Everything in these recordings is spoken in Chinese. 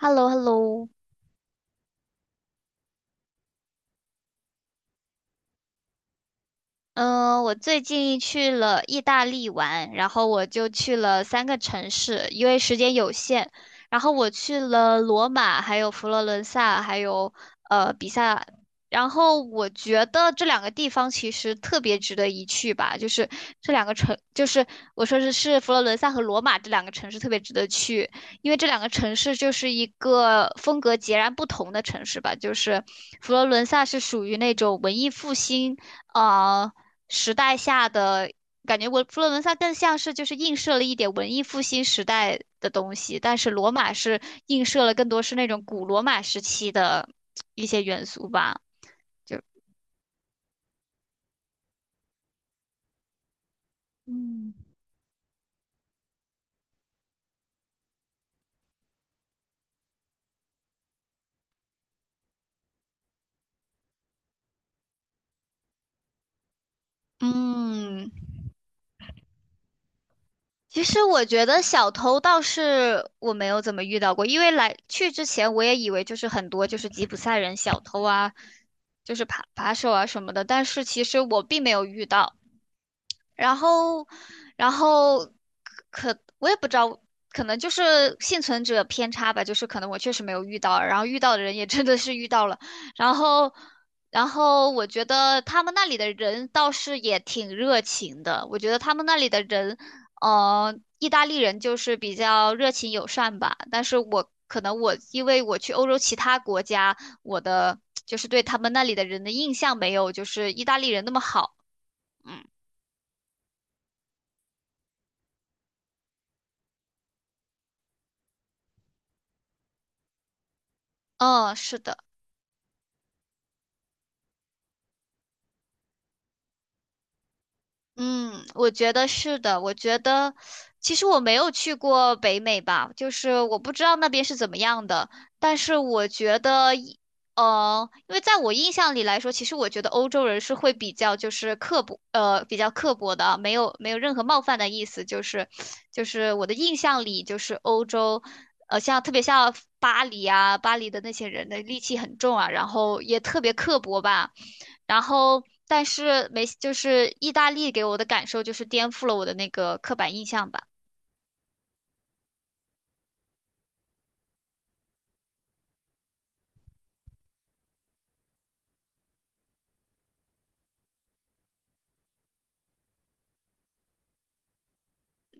h e l l o h e l l o 嗯，我最近去了意大利玩，然后我就去了三个城市，因为时间有限，然后我去了罗马，还有佛罗伦萨，还有比萨，然后我觉得这两个地方其实特别值得一去吧，就是这两个城，就是我说是佛罗伦萨和罗马这两个城市特别值得去，因为这两个城市就是一个风格截然不同的城市吧，就是佛罗伦萨是属于那种文艺复兴。啊、时代下的感觉文，我佛罗伦萨更像是就是映射了一点文艺复兴时代的东西，但是罗马是映射了更多是那种古罗马时期的一些元素吧。嗯，嗯，其实我觉得小偷倒是我没有怎么遇到过，因为来去之前我也以为就是很多就是吉普赛人小偷啊，就是扒手啊什么的，但是其实我并没有遇到。然后，然后可我也不知道，可能就是幸存者偏差吧，就是可能我确实没有遇到，然后遇到的人也真的是遇到了，然后，然后我觉得他们那里的人倒是也挺热情的，我觉得他们那里的人，嗯，意大利人就是比较热情友善吧，但是我可能我因为我去欧洲其他国家，我的就是对他们那里的人的印象没有就是意大利人那么好，嗯嗯，是的。嗯，我觉得是的。我觉得其实我没有去过北美吧，就是我不知道那边是怎么样的。但是我觉得因为在我印象里来说，其实我觉得欧洲人是会比较就是刻薄，比较刻薄的啊没有任何冒犯的意思。就是我的印象里，就是像特别像巴黎啊，巴黎的那些人的戾气很重啊，然后也特别刻薄吧。然后，但是没，就是意大利给我的感受就是颠覆了我的那个刻板印象吧。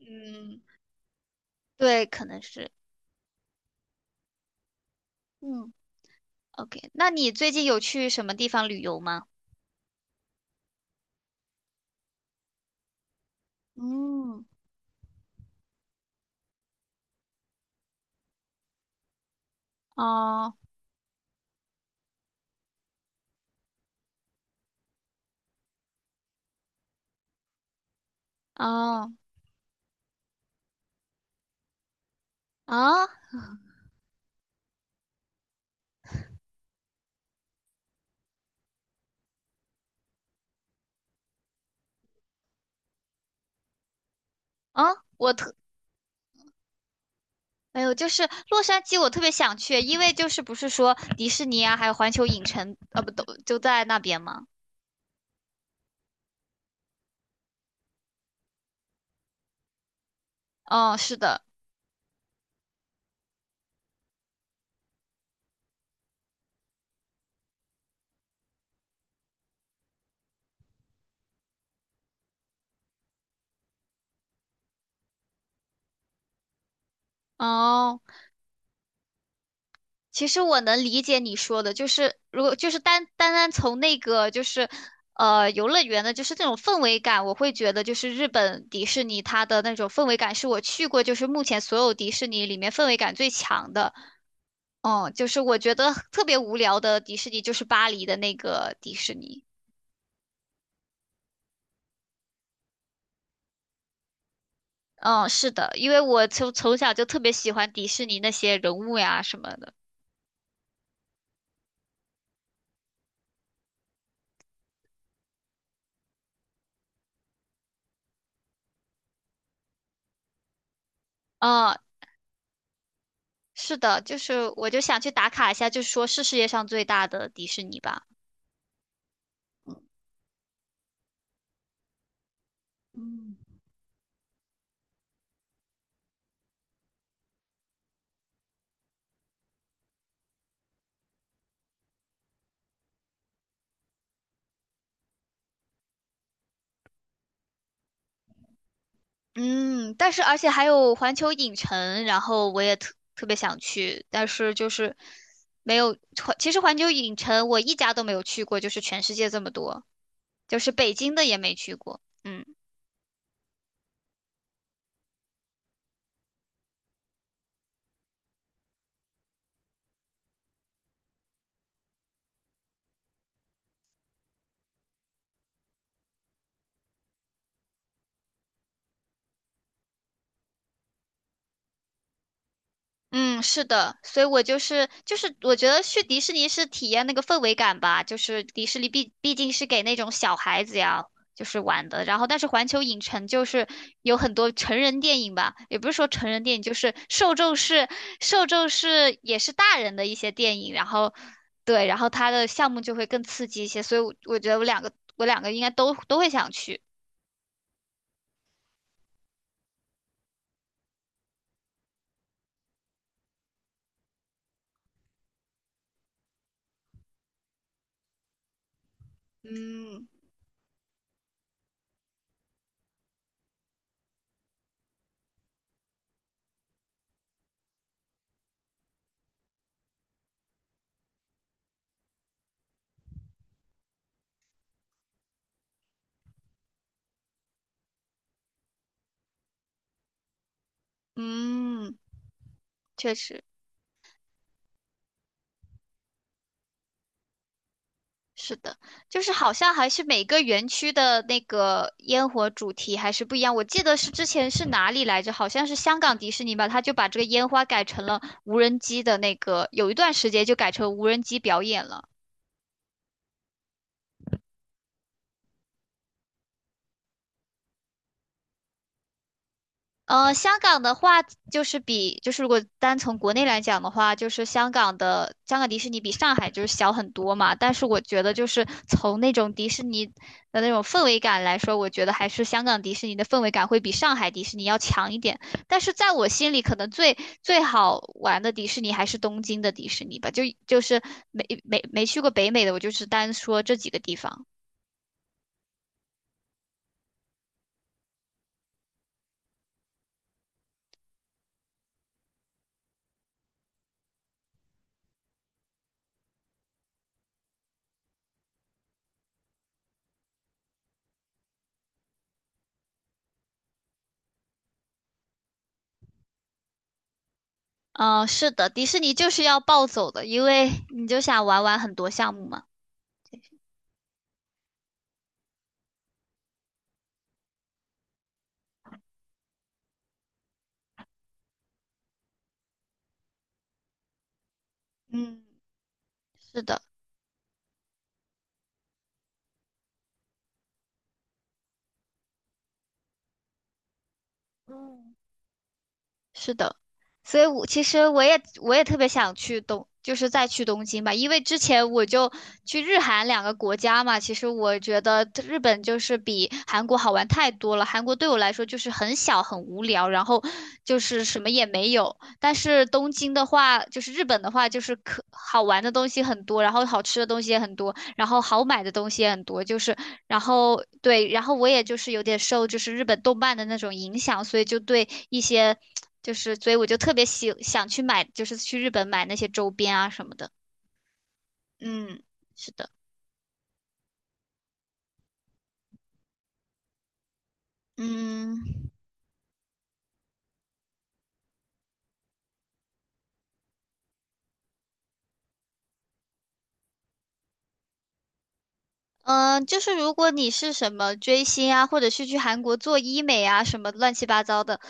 嗯对，可能是，嗯，OK。那你最近有去什么地方旅游吗？嗯，哦，哦，啊啊，我特，哎呦，就是洛杉矶，我特别想去，因为就是不是说迪士尼啊，还有环球影城，啊，不都就在那边吗？哦，是的，哦。其实我能理解你说的，就是如果就是单从那个就是游乐园的，就是这种氛围感，我会觉得就是日本迪士尼它的那种氛围感是我去过，就是目前所有迪士尼里面氛围感最强的。嗯，就是我觉得特别无聊的迪士尼就是巴黎的那个迪士尼。嗯，是的，因为我从小就特别喜欢迪士尼那些人物呀什么的。嗯，是的，就是我就想去打卡一下，就说是世界上最大的迪士尼吧。嗯，但是而且还有环球影城，然后我也特别想去，但是就是没有环。其实环球影城我一家都没有去过，就是全世界这么多，就是北京的也没去过。嗯。嗯，是的，所以我我觉得去迪士尼是体验那个氛围感吧，就是迪士尼毕竟是给那种小孩子呀，就是玩的。然后，但是环球影城就是有很多成人电影吧，也不是说成人电影，就是受众是也是大人的一些电影。然后，对，然后它的项目就会更刺激一些，所以我觉得我两个应该都会想去。嗯嗯，确实。是的，就是好像还是每个园区的那个烟火主题还是不一样。我记得是之前是哪里来着？好像是香港迪士尼吧，他就把这个烟花改成了无人机的那个，有一段时间就改成无人机表演了。香港的话就是就是如果单从国内来讲的话，就是香港迪士尼比上海就是小很多嘛。但是我觉得就是从那种迪士尼的那种氛围感来说，我觉得还是香港迪士尼的氛围感会比上海迪士尼要强一点。但是在我心里，可能最好玩的迪士尼还是东京的迪士尼吧。就是没没去过北美的，我就是单说这几个地方。嗯、是的，迪士尼就是要暴走的，因为你就想玩很多项目嘛。嗯，是的。嗯，是的，所以我其实我也特别想去东，就是再去东京吧，因为之前我就去日韩两个国家嘛，其实我觉得日本就是比韩国好玩太多了，韩国对我来说就是很小很无聊，然后就是什么也没有，但是东京的话，就是日本的话，就是可好玩的东西很多，然后好吃的东西也很多，然后好买的东西也很多，就是然后对，然后我也就是有点受就是日本动漫的那种影响，所以就对一些所以我就特别喜想去买，就是去日本买那些周边啊什么的。嗯，是的，嗯。嗯，就是如果你是什么追星啊，或者是去韩国做医美啊，什么乱七八糟的，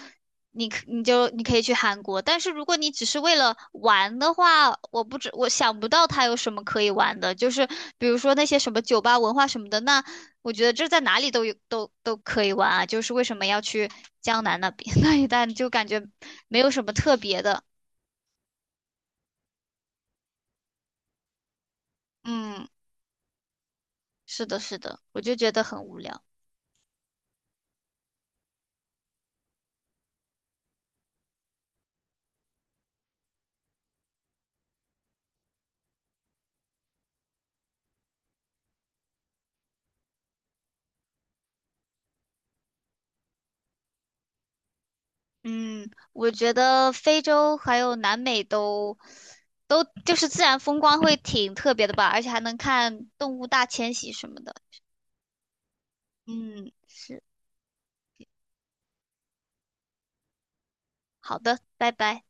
你可以去韩国。但是如果你只是为了玩的话，我想不到它有什么可以玩的，就是比如说那些什么酒吧文化什么的，那我觉得这在哪里都有都可以玩啊。就是为什么要去江南那边 那一带，就感觉没有什么特别的。嗯，是的，是的，我就觉得很无聊。嗯，我觉得非洲还有南美都就是自然风光会挺特别的吧，而且还能看动物大迁徙什么的。嗯，是，好的，拜拜。